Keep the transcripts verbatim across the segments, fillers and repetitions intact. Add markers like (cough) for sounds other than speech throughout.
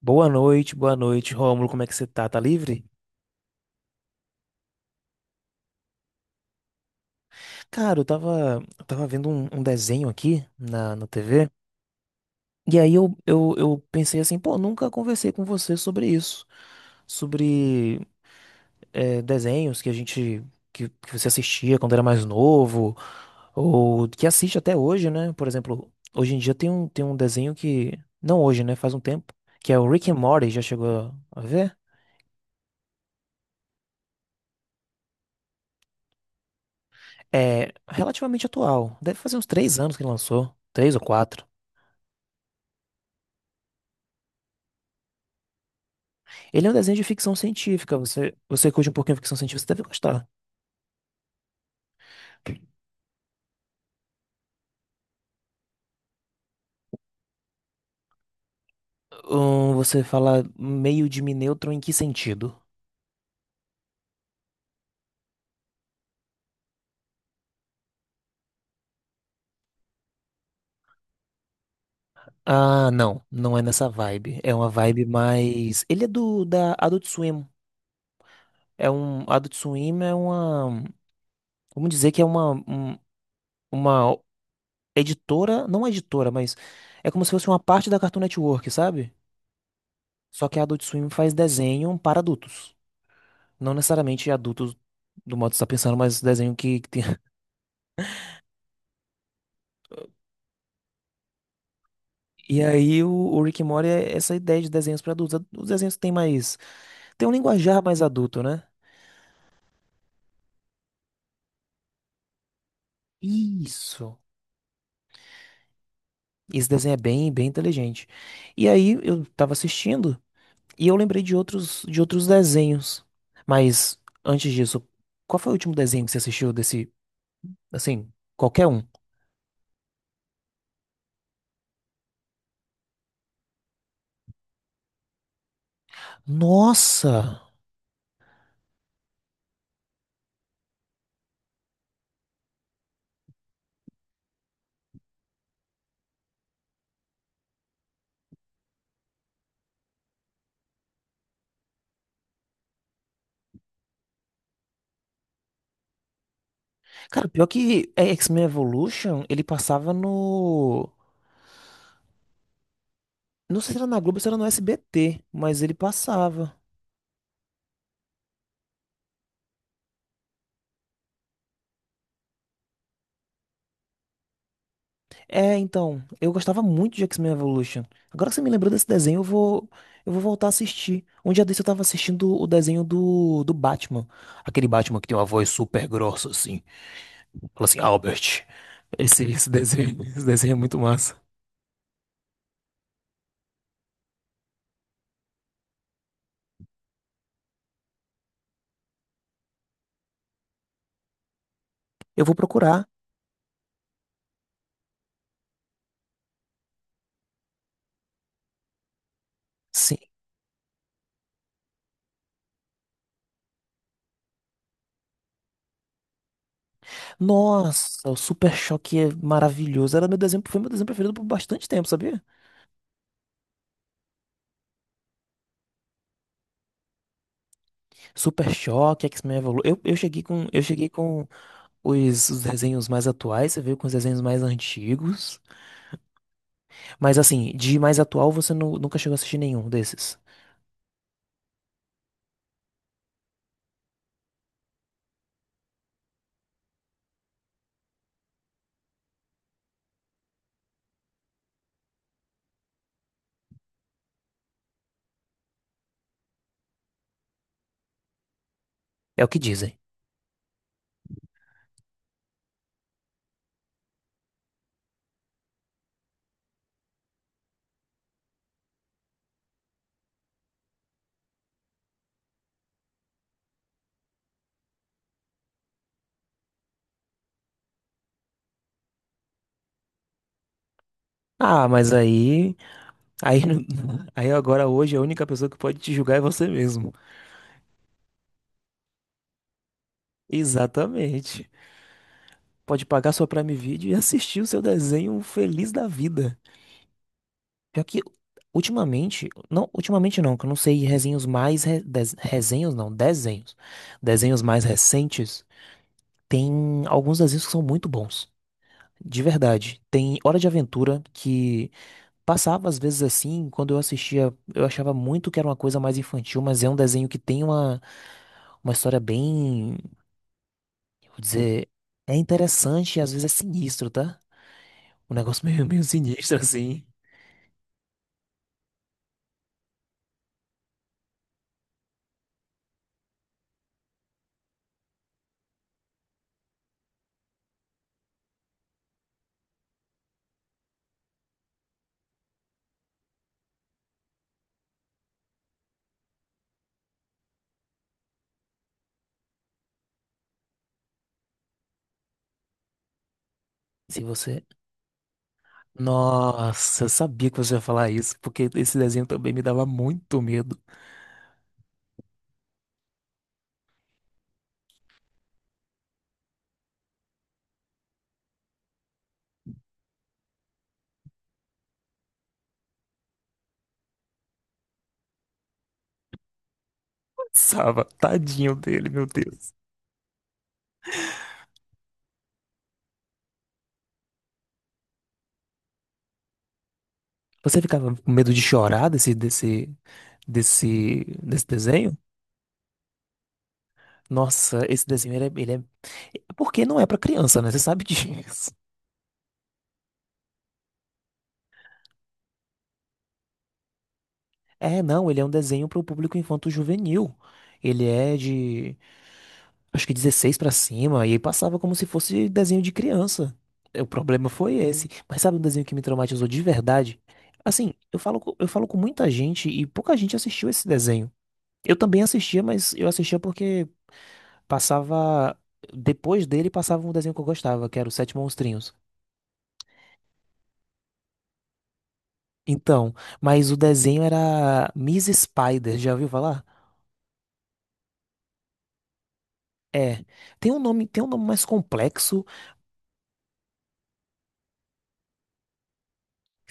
Boa noite, boa noite, Rômulo. Como é que você tá? Tá livre? Cara, eu tava, eu tava vendo um, um desenho aqui na, na tê vê. E aí eu, eu, eu pensei assim, pô, nunca conversei com você sobre isso. Sobre eh, desenhos que a gente, que, que você assistia quando era mais novo, ou que assiste até hoje, né? Por exemplo, hoje em dia tem um, tem um desenho que, não hoje, né? Faz um tempo, que é o Rick and Morty, já chegou a ver? É relativamente atual. Deve fazer uns três anos que lançou. Três ou quatro. Ele é um desenho de ficção científica. Você, você curte um pouquinho de ficção científica, você deve gostar. Hum, você fala meio de Minetron em que sentido? Ah, não, não é nessa vibe. É uma vibe mais. Ele é do da Adult Swim. É um Adult Swim é uma, vamos dizer que é uma um- uma editora, não editora, mas é como se fosse uma parte da Cartoon Network, sabe? Só que a Adult Swim faz desenho para adultos, não necessariamente adultos do modo que você está pensando, mas desenho que, que tem. E aí o, o Rick and Morty é essa ideia de desenhos para adultos. Os desenhos têm mais, tem um linguajar mais adulto, né? Isso. Esse desenho é bem, bem inteligente. E aí eu tava assistindo e eu lembrei de outros, de outros desenhos. Mas antes disso, qual foi o último desenho que você assistiu desse, assim, qualquer um? Nossa! Cara, pior que é, X-Men Evolution, ele passava no, não sei se era na Globo, se era no ésse bê tê, mas ele passava. É, então, eu gostava muito de X-Men Evolution. Agora que você me lembrou desse desenho, eu vou, eu vou voltar a assistir. Um dia desse eu tava assistindo o desenho do, do Batman. Aquele Batman que tem uma voz super grossa, assim. Fala assim, Albert. Esse, esse desenho, (laughs) esse desenho é muito massa. Eu vou procurar. Sim. Nossa, o Super Choque é maravilhoso. Era meu desenho, foi meu desenho preferido por bastante tempo, sabia? Super Choque, X-Men Evolution. Eu, eu cheguei com, eu cheguei com os, os desenhos mais atuais, você veio com os desenhos mais antigos. Mas assim, de mais atual você nu- nunca chegou a assistir nenhum desses. É o que dizem. Ah, mas aí, aí, não- (laughs) aí agora hoje a única pessoa que pode te julgar é você mesmo. Exatamente. Pode pagar sua Prime Video e assistir o seu desenho feliz da vida. Pior que ultimamente, não, ultimamente não, que eu não sei resenhos mais re- des- resenhos não, desenhos. Desenhos mais recentes, tem alguns desenhos que são muito bons. De verdade. Tem Hora de Aventura que passava às vezes assim, quando eu assistia, eu achava muito que era uma coisa mais infantil, mas é um desenho que tem uma, uma história bem, vou dizer, é interessante e às vezes é sinistro, tá? Um negócio (laughs) meio, meio sinistro assim. Se você. Nossa, eu sabia que você ia falar isso, porque esse desenho também me dava muito medo. Passava, tadinho dele, meu Deus. Você ficava com medo de chorar desse, desse, desse, desse desenho? Nossa, esse desenho ele é, ele é- porque não é pra criança, né? Você sabe (laughs) disso. É, não, ele é um desenho para o público infanto-juvenil. Ele é de, acho que dezesseis para cima, e aí passava como se fosse desenho de criança. O problema foi esse. Hum. Mas sabe um desenho que me traumatizou de verdade? Assim, eu falo, com- eu falo com muita gente e pouca gente assistiu esse desenho. Eu também assistia, mas eu assistia porque passava, depois dele passava um desenho que eu gostava, que era o Sete Monstrinhos. Então, mas o desenho era Miss Spider, já ouviu falar? É. Tem um nome, tem um nome mais complexo.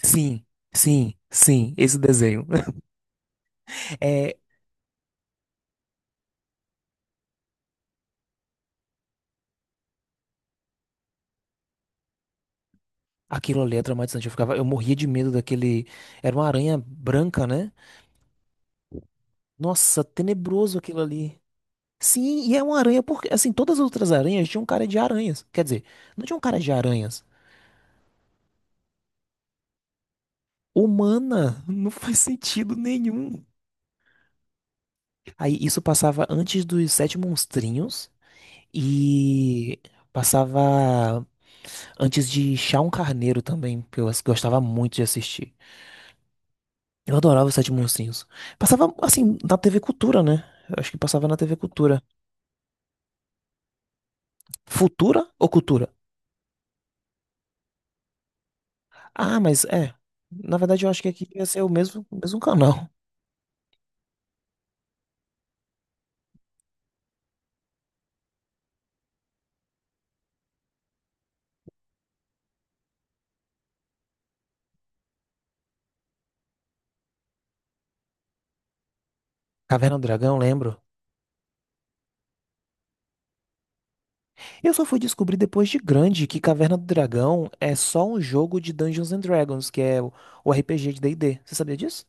Sim, sim, sim, esse desenho. (laughs) É, aquilo ali é traumatizante. Eu ficava, eu morria de medo daquele. Era uma aranha branca, né? Nossa, tenebroso aquilo ali. Sim, e é uma aranha porque, assim, todas as outras aranhas tinham cara de aranhas. Quer dizer, não tinham cara de aranhas. Humana, (laughs) não faz sentido nenhum. Aí isso passava antes dos Sete Monstrinhos e passava antes de Chá um Carneiro também, que eu gostava muito de assistir. Eu adorava os Sete Monstrinhos. Passava, assim, na tê vê Cultura, né? Eu acho que passava na tê vê Cultura. Futura ou Cultura? Ah, mas é. Na verdade, eu acho que aqui ia ser o mesmo, o mesmo canal. Caverna do Dragão, lembro. Eu só fui descobrir depois de grande que Caverna do Dragão é só um jogo de Dungeons and Dragons, que é o, o érre pê gê de dê e dê. Você sabia disso?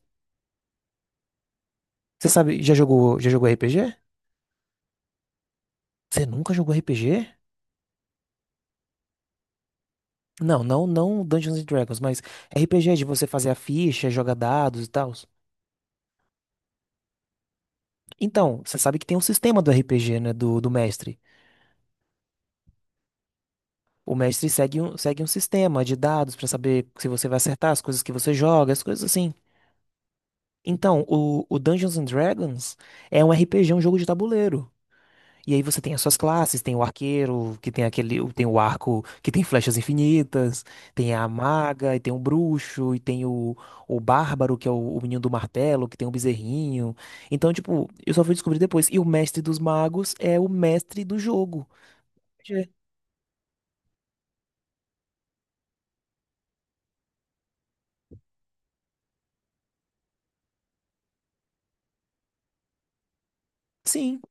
Você sabe, já jogou, já jogou érre pê gê? Você nunca jogou érre pê gê? Não, não, não Dungeons and Dragons, mas érre pê gê de você fazer a ficha, jogar dados e tal. Então, você sabe que tem um sistema do érre pê gê, né? Do, do mestre. O mestre segue um, segue um sistema de dados pra saber se você vai acertar as coisas que você joga, as coisas assim. Então, o, o Dungeons and Dragons é um érre pê gê, um jogo de tabuleiro. E aí você tem as suas classes, tem o arqueiro, que tem aquele, o- tem o arco que tem flechas infinitas, tem a maga, e tem o bruxo, e tem o, o bárbaro, que é o, o menino do martelo, que tem o bezerrinho. Então, tipo, eu só fui descobrir depois. E o mestre dos magos é o mestre do jogo. Sim,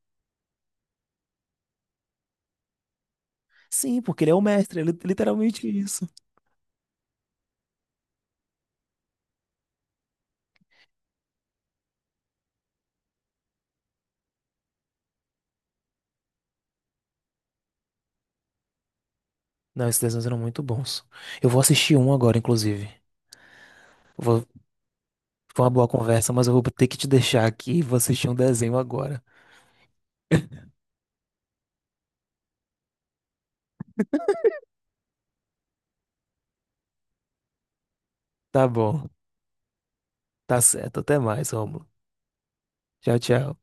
sim, porque ele é o mestre, é li- literalmente isso. Não, esses desenhos eram muito bons. Eu vou assistir um agora, inclusive. Vou- foi uma boa conversa, mas eu vou ter que te deixar aqui e vou assistir um desenho agora. Tá bom, tá certo. Até mais, Rômulo. Tchau, tchau.